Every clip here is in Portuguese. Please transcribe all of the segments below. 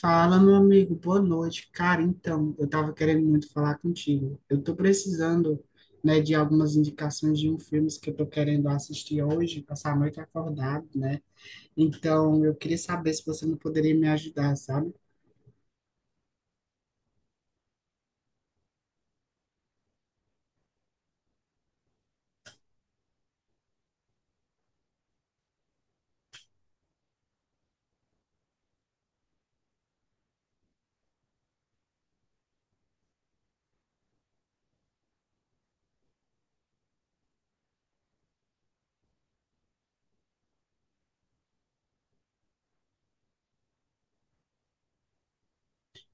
Fala, meu amigo, boa noite. Cara, então, eu tava querendo muito falar contigo. Eu tô precisando, né, de algumas indicações de um filme que eu tô querendo assistir hoje, passar a noite acordado, né? Então, eu queria saber se você não poderia me ajudar, sabe?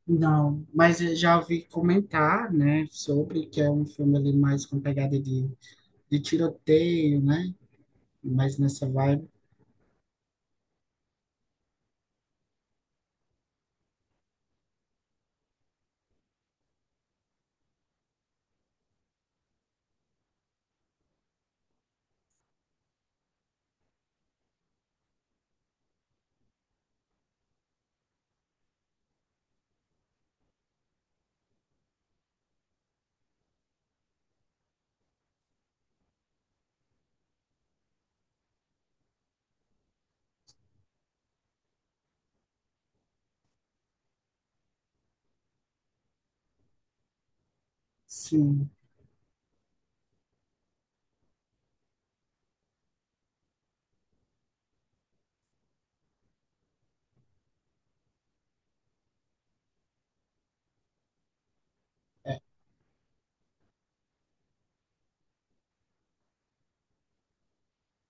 Não, mas eu já ouvi comentar, né, sobre que é um filme ali mais com pegada de tiroteio, né? Mais nessa vibe. Sim,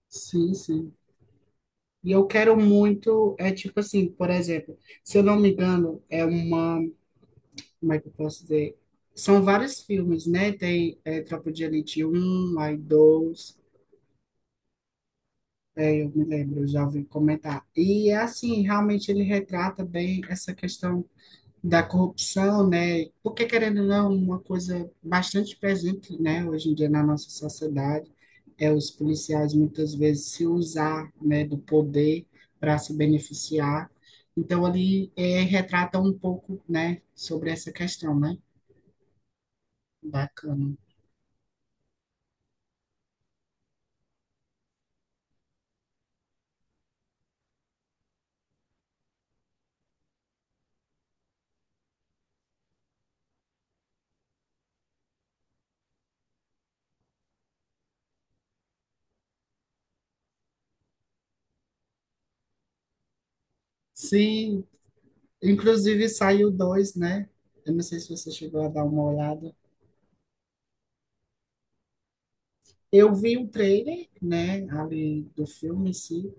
sim, sim. E eu quero muito, é tipo assim, por exemplo, se eu não me engano, é uma, como é que eu posso dizer? São vários filmes, né? Tem é, Tropa de Elite um aí 2 é, eu me lembro, eu já ouvi comentar. E é assim, realmente ele retrata bem essa questão da corrupção, né? Porque, querendo ou não, uma coisa bastante presente, né, hoje em dia na nossa sociedade, é os policiais muitas vezes se usar, né, do poder para se beneficiar. Então, ali é, retrata um pouco, né, sobre essa questão, né? Bacana. Sim, inclusive saiu dois, né? Eu não sei se você chegou a dar uma olhada. Eu vi o trailer, né, ali do filme em si,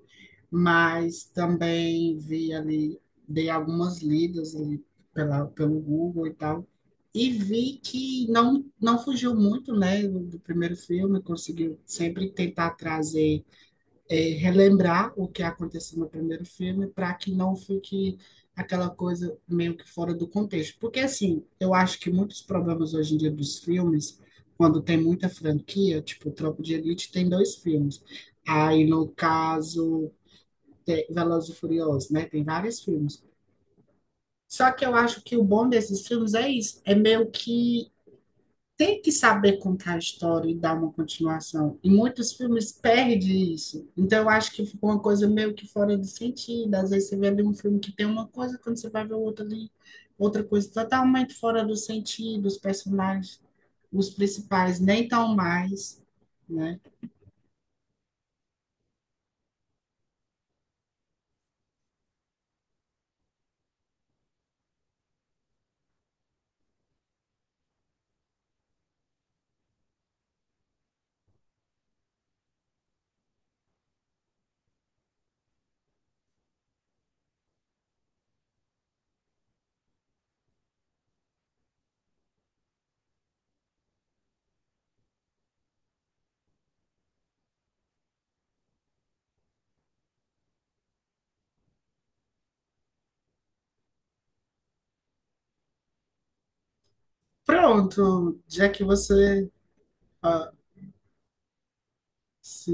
mas também vi ali, dei algumas lidas ali pelo Google e tal, e vi que não, não fugiu muito, né, do primeiro filme, conseguiu sempre tentar trazer, relembrar o que aconteceu no primeiro filme, para que não fique aquela coisa meio que fora do contexto. Porque, assim, eu acho que muitos problemas hoje em dia dos filmes, quando tem muita franquia, tipo, Tropa de Elite tem dois filmes. Aí, no caso, tem Velozes e Furiosos, né? Tem vários filmes. Só que eu acho que o bom desses filmes é isso, é meio que tem que saber contar a história e dar uma continuação. E muitos filmes perdem isso. Então eu acho que ficou uma coisa meio que fora de sentido. Às vezes você vê ali um filme que tem uma coisa, quando você vai ver o outro ali, outra coisa totalmente fora do sentido, os personagens, os principais nem tão mais, né? Pronto, já que você ah, se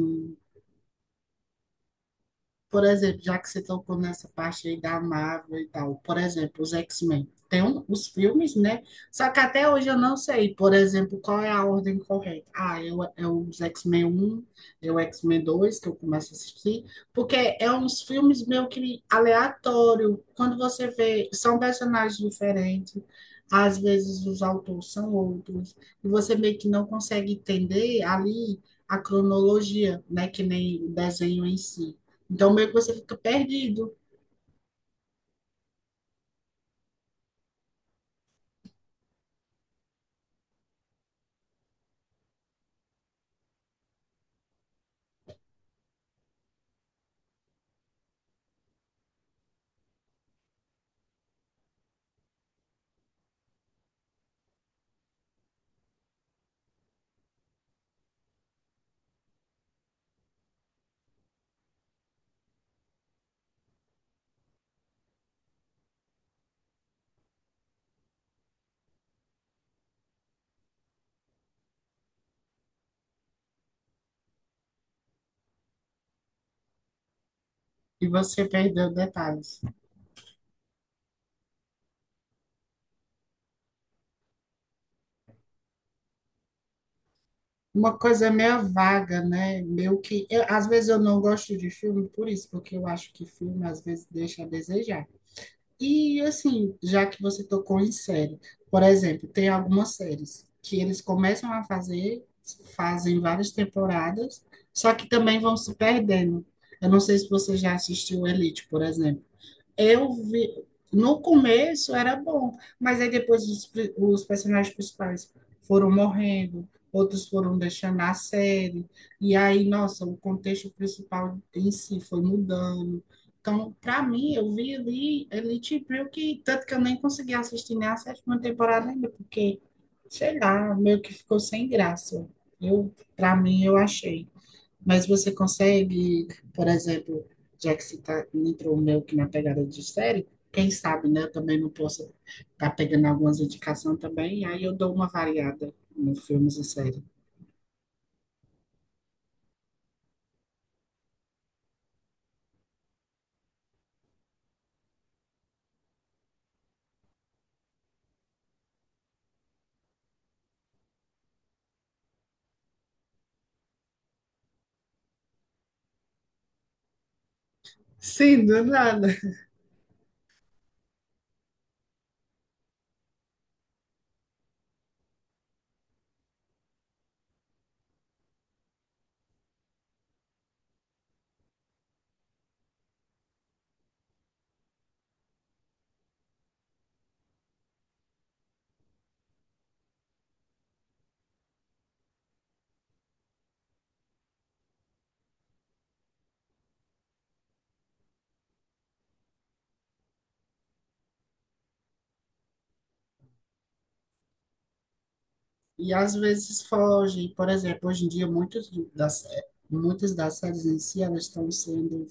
Por exemplo, já que você tocou nessa parte aí da Marvel e tal, por exemplo, os X-Men. Os filmes, né? Só que até hoje eu não sei, por exemplo, qual é a ordem correta. É os X-Men um é o X-Men 2 que eu começo a assistir, porque é uns filmes meio que aleatório. Quando você vê, são personagens diferentes, às vezes os autores são outros, e você meio que não consegue entender ali a cronologia, né? Que nem o desenho em si. Então, meio que você fica perdido e você perdeu detalhes. Uma coisa meio vaga, né? Às vezes eu não gosto de filme por isso, porque eu acho que filme às vezes deixa a desejar. E, assim, já que você tocou em série, por exemplo, tem algumas séries que eles começam a fazer, fazem várias temporadas, só que também vão se perdendo. Eu não sei se você já assistiu Elite, por exemplo. Eu vi, no começo era bom, mas aí depois os personagens principais foram morrendo, outros foram deixando a série, e aí, nossa, o contexto principal em si foi mudando. Então, para mim, eu vi ali Elite Brill, que tanto que eu nem consegui assistir nem a sétima temporada ainda, porque, sei lá, meio que ficou sem graça. Eu, para mim, eu achei. Mas você consegue, por exemplo, já que você tá, entrou meio que na pegada de série, quem sabe, né? Eu também não posso estar tá pegando algumas indicações também, aí eu dou uma variada nos filmes e séries. Sim, do nada. E às vezes foge. Por exemplo, hoje em dia, muitas das séries em si, elas estão sendo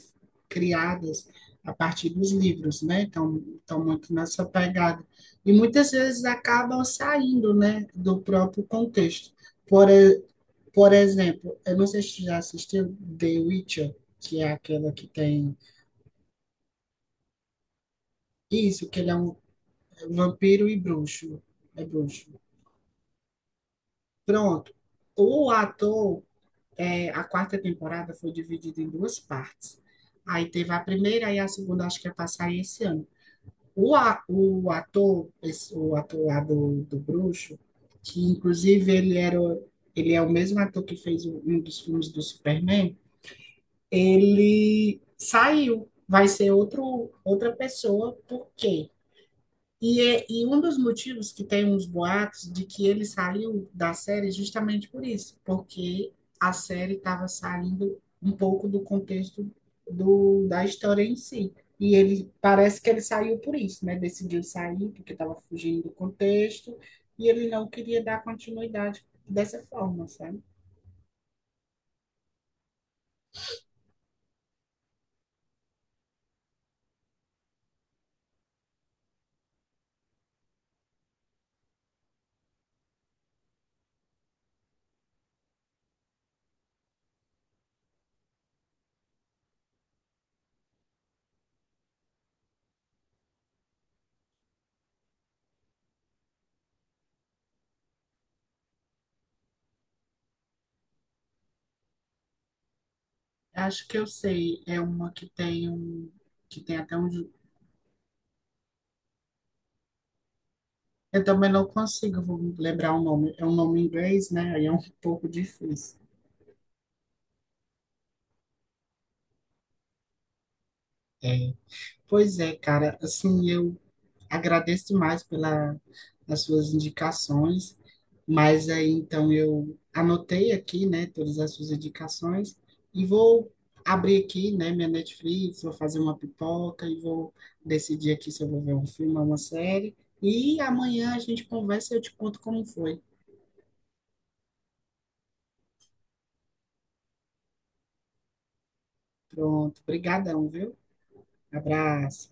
criadas a partir dos livros, né? Então, estão muito nessa pegada. E muitas vezes acabam saindo, né, do próprio contexto. Por, e- por exemplo, eu não sei se você já assistiu The Witcher, que é aquela que tem isso, que ele é um vampiro e bruxo. É bruxo. Pronto. O ator é, a quarta temporada foi dividida em duas partes. Aí teve a primeira e a segunda, acho que ia passar esse ano. O ator, o ator lá do Bruxo, que inclusive ele era, ele é o mesmo ator que fez um dos filmes do Superman, ele saiu, vai ser outro, outra pessoa, porque e um dos motivos que tem uns boatos de que ele saiu da série é justamente por isso, porque a série estava saindo um pouco do contexto da história em si. E ele parece que ele saiu por isso, né? Decidiu sair porque estava fugindo do contexto e ele não queria dar continuidade dessa forma, sabe? Acho que eu sei, é uma que tem um, que tem até eu também não consigo, vou lembrar o nome. É um nome em inglês, né? Aí é um pouco difícil. É, pois é, cara, assim, eu agradeço demais pela, as suas indicações, mas aí então eu anotei aqui, né, todas as suas indicações e vou abrir aqui, né, minha Netflix, vou fazer uma pipoca e vou decidir aqui se eu vou ver um filme ou uma série e amanhã a gente conversa e eu te conto como foi. Pronto, brigadão, viu? Abraço.